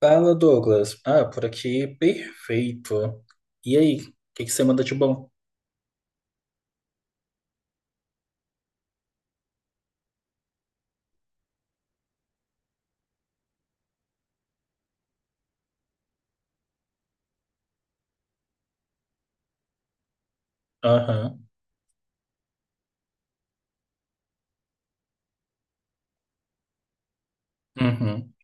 Fala, Douglas. Ah, por aqui, perfeito. E aí, o que que você manda de bom? Aham. Uhum.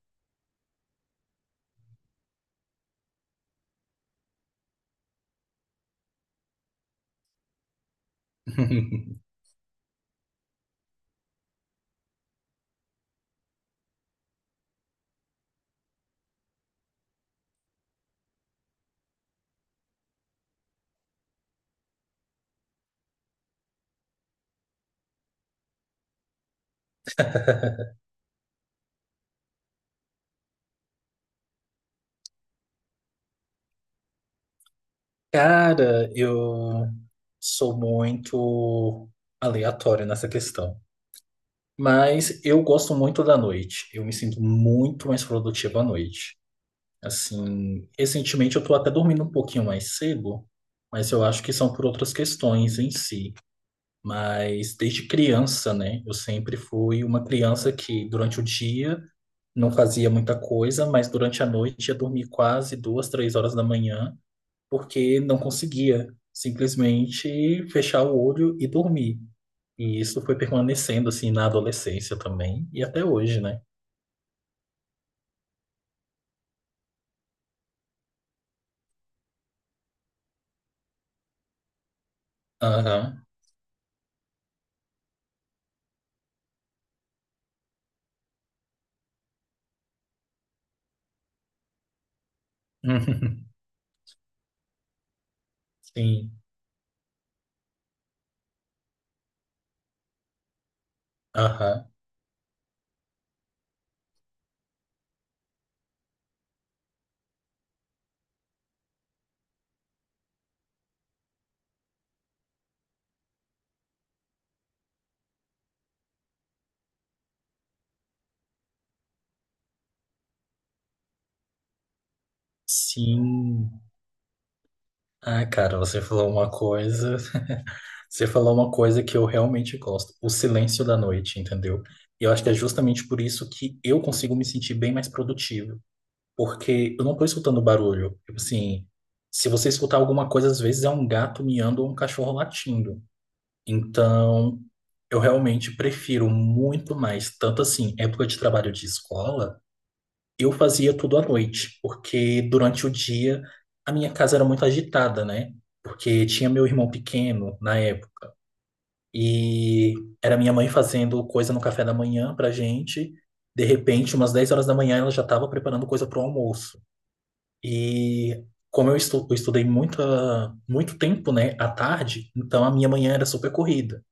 Cara, eu sou muito aleatório nessa questão. Mas eu gosto muito da noite. Eu me sinto muito mais produtivo à noite. Assim, recentemente eu tô até dormindo um pouquinho mais cedo, mas eu acho que são por outras questões em si. Mas desde criança, né? Eu sempre fui uma criança que durante o dia não fazia muita coisa, mas durante a noite ia dormir quase duas, três horas da manhã, porque não conseguia simplesmente fechar o olho e dormir. E isso foi permanecendo assim na adolescência também e até hoje, né? Aham. Sim. Aham. Sim. Ah, cara, você falou uma coisa. Você falou uma coisa que eu realmente gosto, o silêncio da noite, entendeu? E eu acho que é justamente por isso que eu consigo me sentir bem mais produtivo, porque eu não tô escutando barulho. Tipo assim, se você escutar alguma coisa, às vezes é um gato miando ou um cachorro latindo. Então, eu realmente prefiro muito mais. Tanto assim, época de trabalho de escola, eu fazia tudo à noite, porque durante o dia a minha casa era muito agitada, né? Porque tinha meu irmão pequeno na época. E era minha mãe fazendo coisa no café da manhã pra gente. De repente, umas 10 horas da manhã, ela já estava preparando coisa pro almoço. E como eu, estu eu estudei muita, muito tempo, né, à tarde, então a minha manhã era super corrida.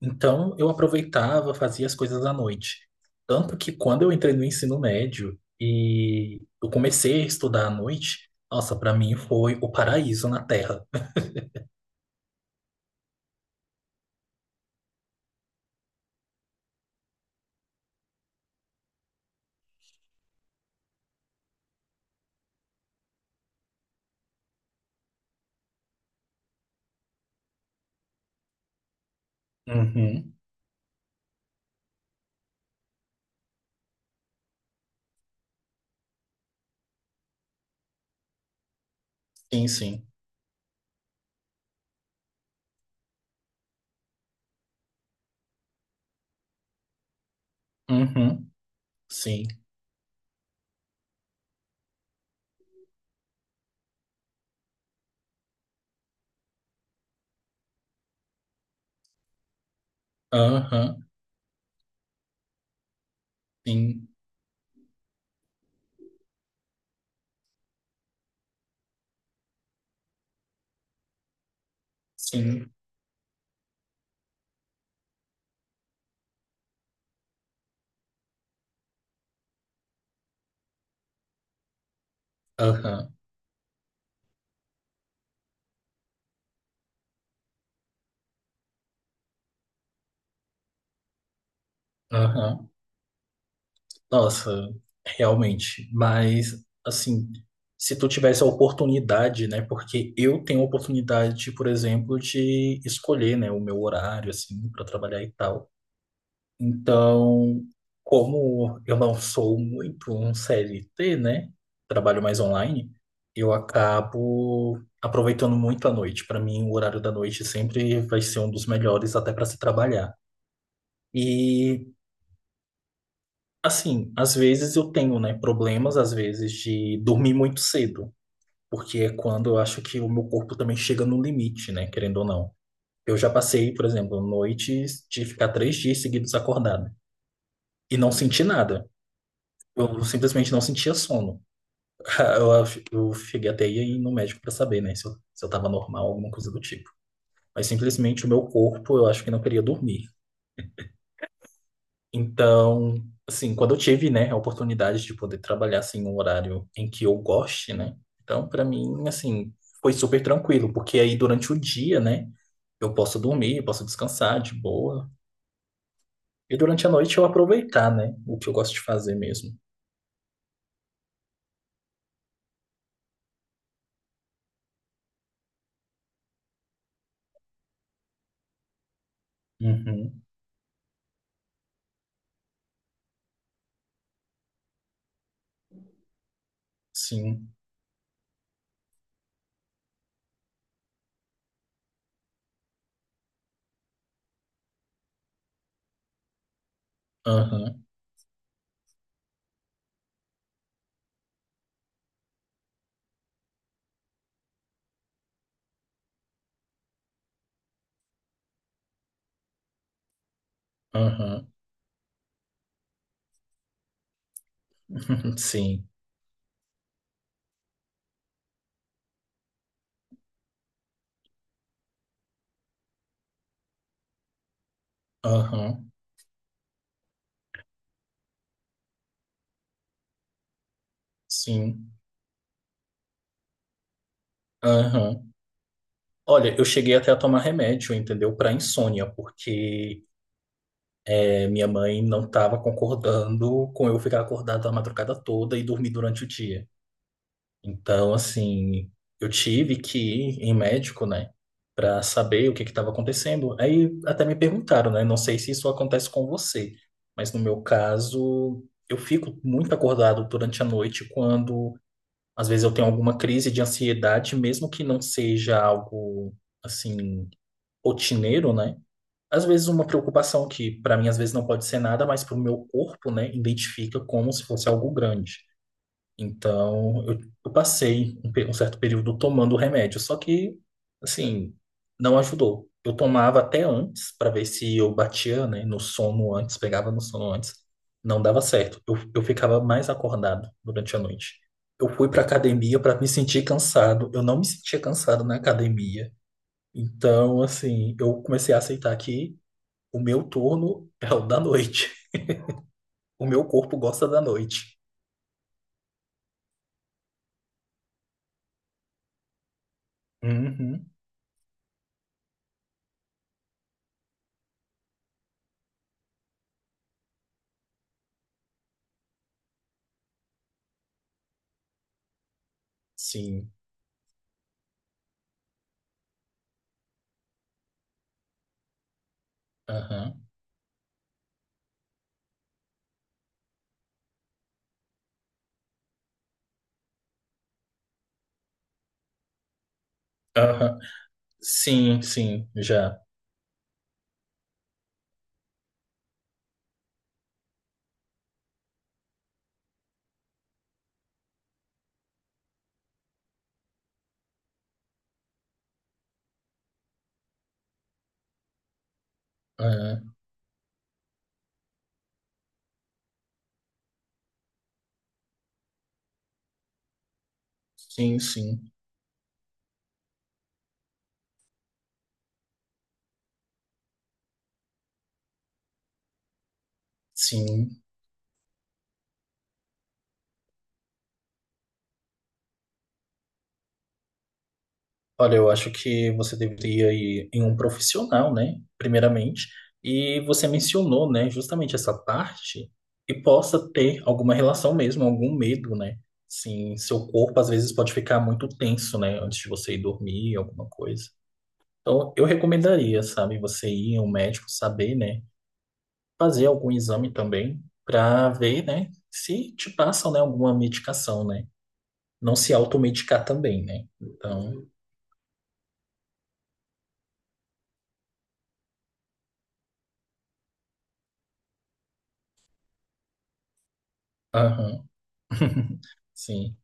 Então eu aproveitava, fazia as coisas à noite. Tanto que quando eu entrei no ensino médio e eu comecei a estudar à noite, nossa, para mim foi o paraíso na Terra. Uhum. Sim, sim. Uhum. Sim. Aham. Sim. Sim. Aham. Aham. Nossa, realmente. Mas, assim, se tu tivesse a oportunidade, né? Porque eu tenho a oportunidade, por exemplo, de escolher, né, o meu horário, assim, para trabalhar e tal. Então, como eu não sou muito um CLT, né? Trabalho mais online, eu acabo aproveitando muito a noite. Para mim, o horário da noite sempre vai ser um dos melhores até para se trabalhar. E assim, às vezes eu tenho, né, problemas, às vezes, de dormir muito cedo, porque é quando eu acho que o meu corpo também chega no limite, né, querendo ou não. Eu já passei, por exemplo, noites de ficar 3 dias seguidos acordado e não senti nada. Eu simplesmente não sentia sono. Eu cheguei até aí ir no médico para saber, né, se eu tava normal, alguma coisa do tipo. Mas simplesmente o meu corpo, eu acho que não queria dormir. Então, assim, quando eu tive, né, a oportunidade de poder trabalhar assim um horário em que eu goste, né? Então, para mim, assim, foi super tranquilo, porque aí durante o dia, né, eu posso dormir, eu posso descansar de boa. E durante a noite eu aproveitar, né, o que eu gosto de fazer mesmo. Uhum, sim. Aham, aham. Sim. Aham, sim. Aham. Olha, eu cheguei até a tomar remédio, entendeu? Para insônia, porque e minha mãe não estava concordando com eu ficar acordado a madrugada toda e dormir durante o dia. Então, assim, eu tive que ir em médico, né, para saber o que estava acontecendo. Aí até me perguntaram, né, não sei se isso acontece com você, mas no meu caso, eu fico muito acordado durante a noite quando às vezes eu tenho alguma crise de ansiedade, mesmo que não seja algo assim rotineiro, né? Às vezes uma preocupação que para mim às vezes não pode ser nada, mas para o meu corpo, né, identifica como se fosse algo grande. Então eu passei um certo período tomando o remédio, só que assim não ajudou. Eu tomava até antes para ver se eu batia, né, no sono antes, pegava no sono antes, não dava certo. Eu ficava mais acordado durante a noite. Eu fui para academia para me sentir cansado. Eu não me sentia cansado na academia. Então, assim, eu comecei a aceitar que o meu turno é o da noite. O meu corpo gosta da noite. Uhum. Sim. Aham. Aham. Sim, sim, já. Aham. Sim, sim, sim. Olha, eu acho que você deveria ir em um profissional, né? Primeiramente. E você mencionou, né, justamente essa parte que possa ter alguma relação mesmo, algum medo, né? Sim, seu corpo às vezes pode ficar muito tenso, né, antes de você ir dormir, alguma coisa. Então, eu recomendaria, sabe, você ir em um médico, saber, né, fazer algum exame também, para ver, né, se te passam, né, alguma medicação, né? Não se automedicar também, né? Então, aham, sim,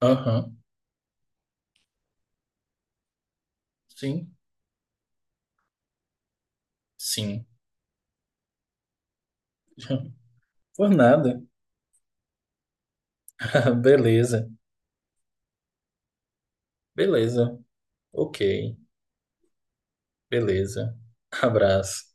aham, sim, sim. Por nada. Beleza, beleza, ok, beleza. Abraço.